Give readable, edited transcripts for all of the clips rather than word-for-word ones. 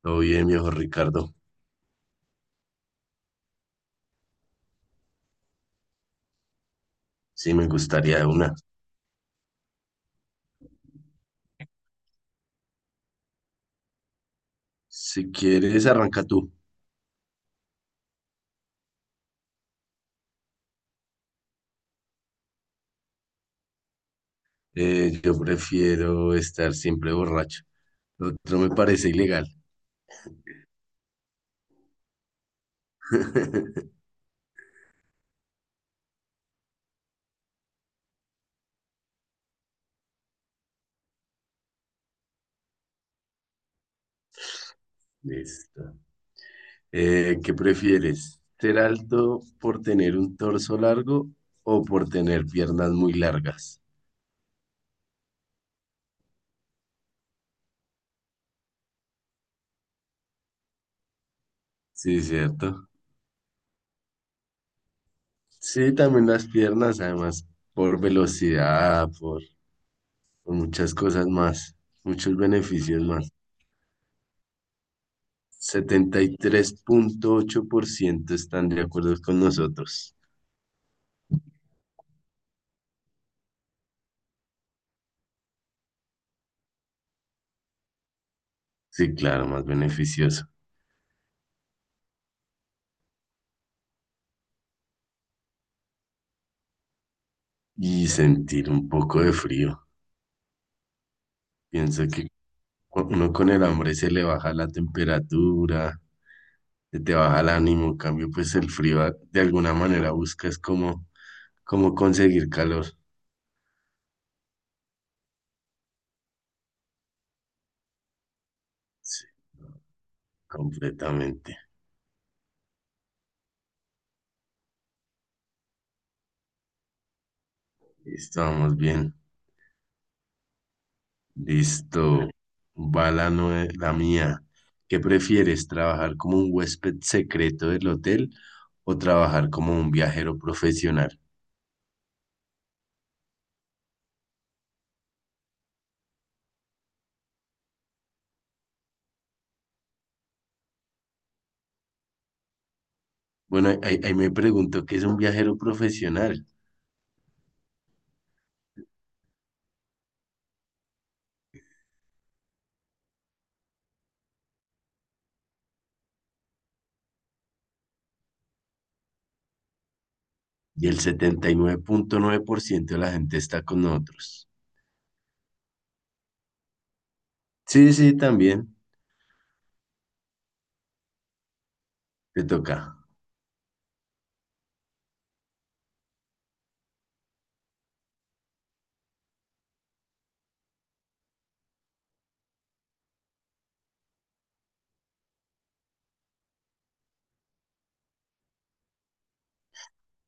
Todo bien, viejo Ricardo. Sí, me gustaría de una. Si quieres, arranca tú. Yo prefiero estar siempre borracho. Lo otro me parece ilegal. Listo. ¿Qué prefieres? ¿Ser alto por tener un torso largo o por tener piernas muy largas? Sí, cierto. Sí, también las piernas, además, por velocidad, por muchas cosas más, muchos beneficios más. 73.8% están de acuerdo con nosotros. Sí, claro, más beneficioso. Y sentir un poco de frío. Pienso que uno con el hambre se le baja la temperatura, se te baja el ánimo. En cambio, pues el frío de alguna manera buscas como conseguir calor. Sí, completamente. Estamos bien. Listo. Va la mía. ¿Qué prefieres, trabajar como un huésped secreto del hotel o trabajar como un viajero profesional? Bueno, ahí me pregunto qué es un viajero profesional y el 79.9% de la gente está con nosotros. Sí, sí, también te toca.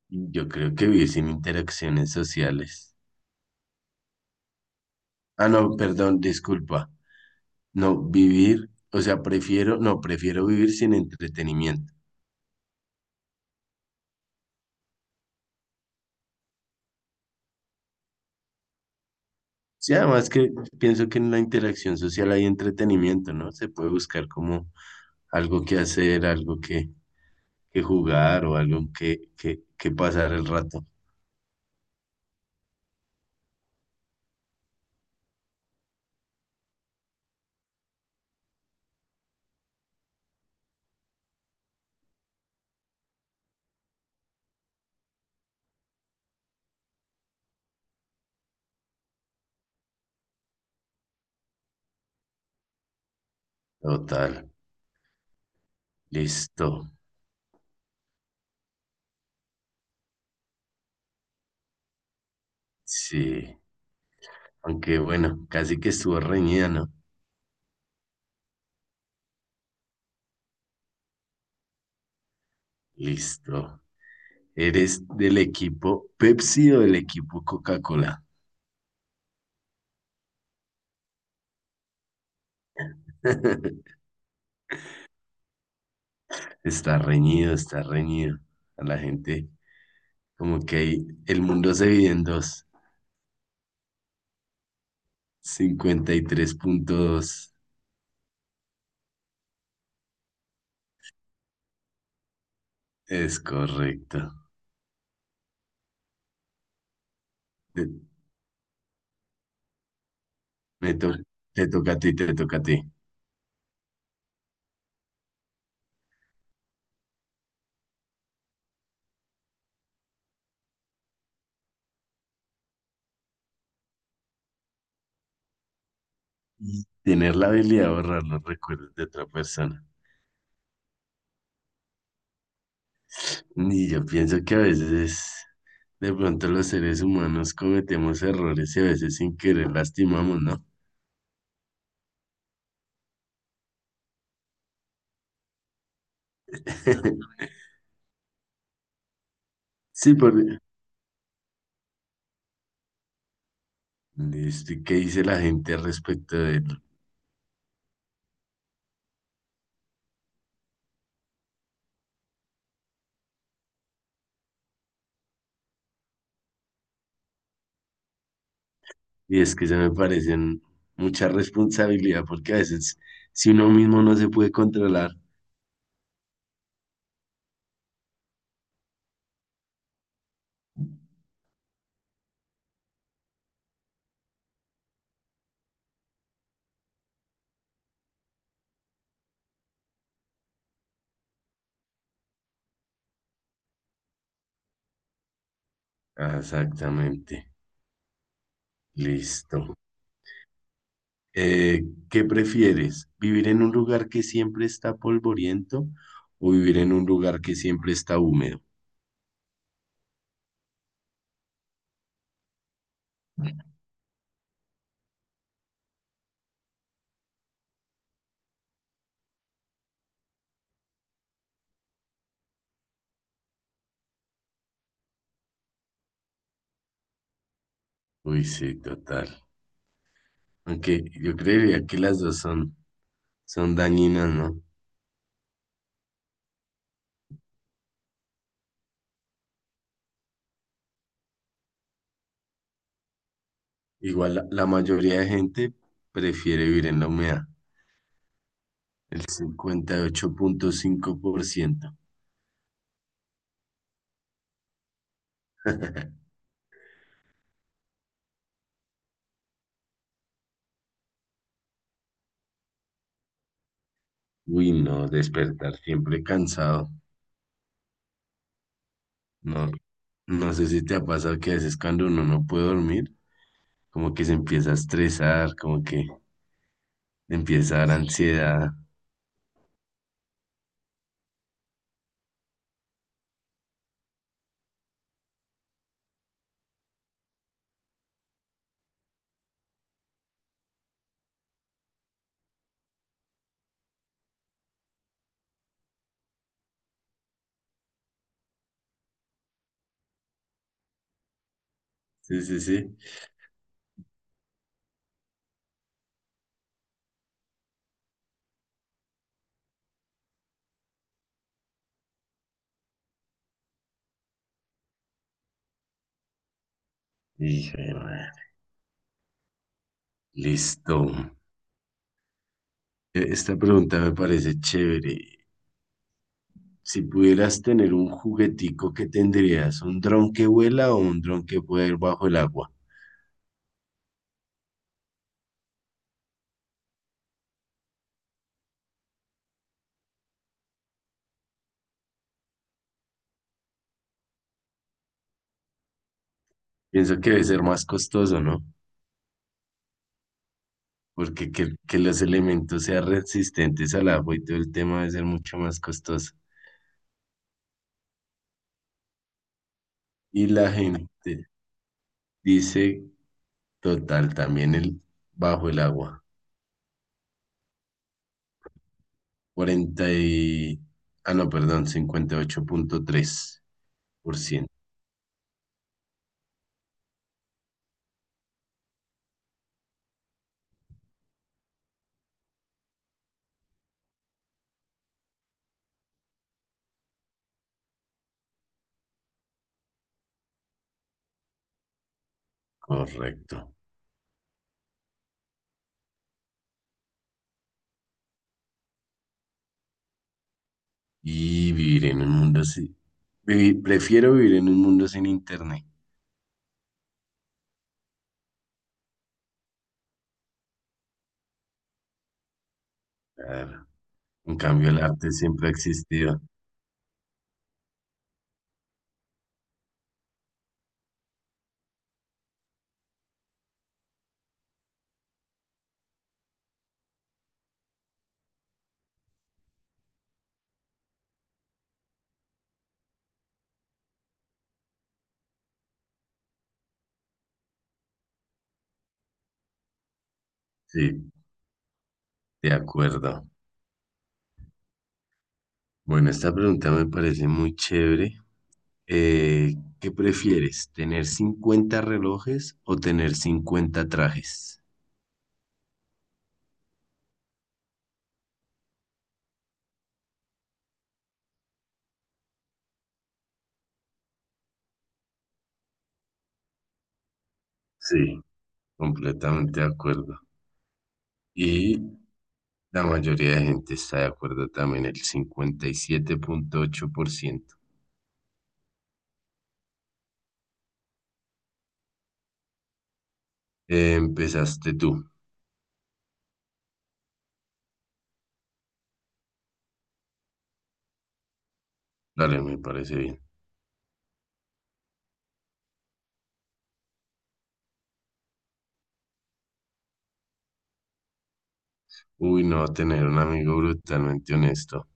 Yo creo que vivir sin interacciones sociales. Ah, no, perdón, disculpa. No, vivir, o sea, prefiero, no, prefiero vivir sin entretenimiento. Sí, además que pienso que en la interacción social hay entretenimiento, ¿no? Se puede buscar como algo que hacer, algo que jugar o algo que pasar el rato. Total, listo. Sí, aunque bueno, casi que estuvo reñida, ¿no? Listo. ¿Eres del equipo Pepsi o del equipo Coca-Cola? Está reñido, está reñido. A la gente, como que ahí el mundo se divide en dos. 53.2. Es correcto. Te, me to- te toca a ti, te toca a ti. Y tener la habilidad de borrar los recuerdos de otra persona. Y yo pienso que a veces, de pronto, los seres humanos cometemos errores y a veces sin querer lastimamos, ¿no? Sí, por... Listo, ¿y qué dice la gente al respecto de él? Y es que se me parecen mucha responsabilidad porque a veces si uno mismo no se puede controlar. Ah, exactamente. Listo. Eh, ¿Qué prefieres? ¿Vivir en un lugar que siempre está polvoriento o vivir en un lugar que siempre está húmedo? Uy, sí, total. Aunque yo creería que las dos son, dañinas, ¿no? Igual la mayoría de gente prefiere vivir en la humedad, el 58.5%. Uy, no, despertar siempre cansado. No, no sé si te ha pasado que a veces cuando uno no puede dormir, como que se empieza a estresar, como que empieza a dar, sí, ansiedad. Sí, sí, sí. Y dije, "Bueno, listo." Esta pregunta me parece chévere. Si pudieras tener un juguetico, ¿qué tendrías? ¿Un dron que vuela o un dron que pueda ir bajo el agua? Pienso que debe ser más costoso, ¿no? Porque que los elementos sean resistentes al agua y todo el tema debe ser mucho más costoso. Y la gente dice, total, también el bajo el agua. 40 y... Ah, no, perdón, 58.3%. Correcto. Y vivir en un mundo sin... vivi- Prefiero vivir en un mundo sin internet. Claro. En cambio, el arte siempre ha existido. Sí, de acuerdo. Bueno, esta pregunta me parece muy chévere. Eh, ¿Qué prefieres? ¿Tener 50 relojes o tener 50 trajes? Sí, completamente de acuerdo. Y la mayoría de gente está de acuerdo también, el 57.8%. Empezaste tú. Dale, me parece bien. Uy, no, tener un amigo brutalmente honesto.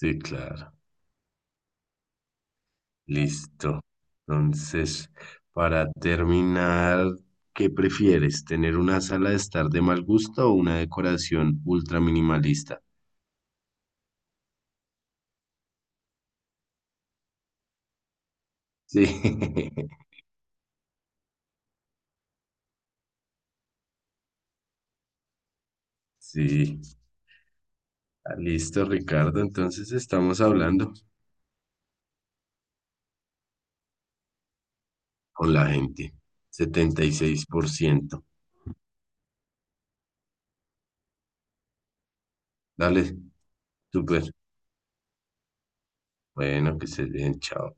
Sí, claro. Listo. Entonces, para terminar, ¿qué prefieres? ¿Tener una sala de estar de mal gusto o una decoración ultra minimalista? Sí, sí. Ah, listo, Ricardo. Entonces estamos hablando con la gente. 76%. Dale, súper. Bueno, que se den, chao.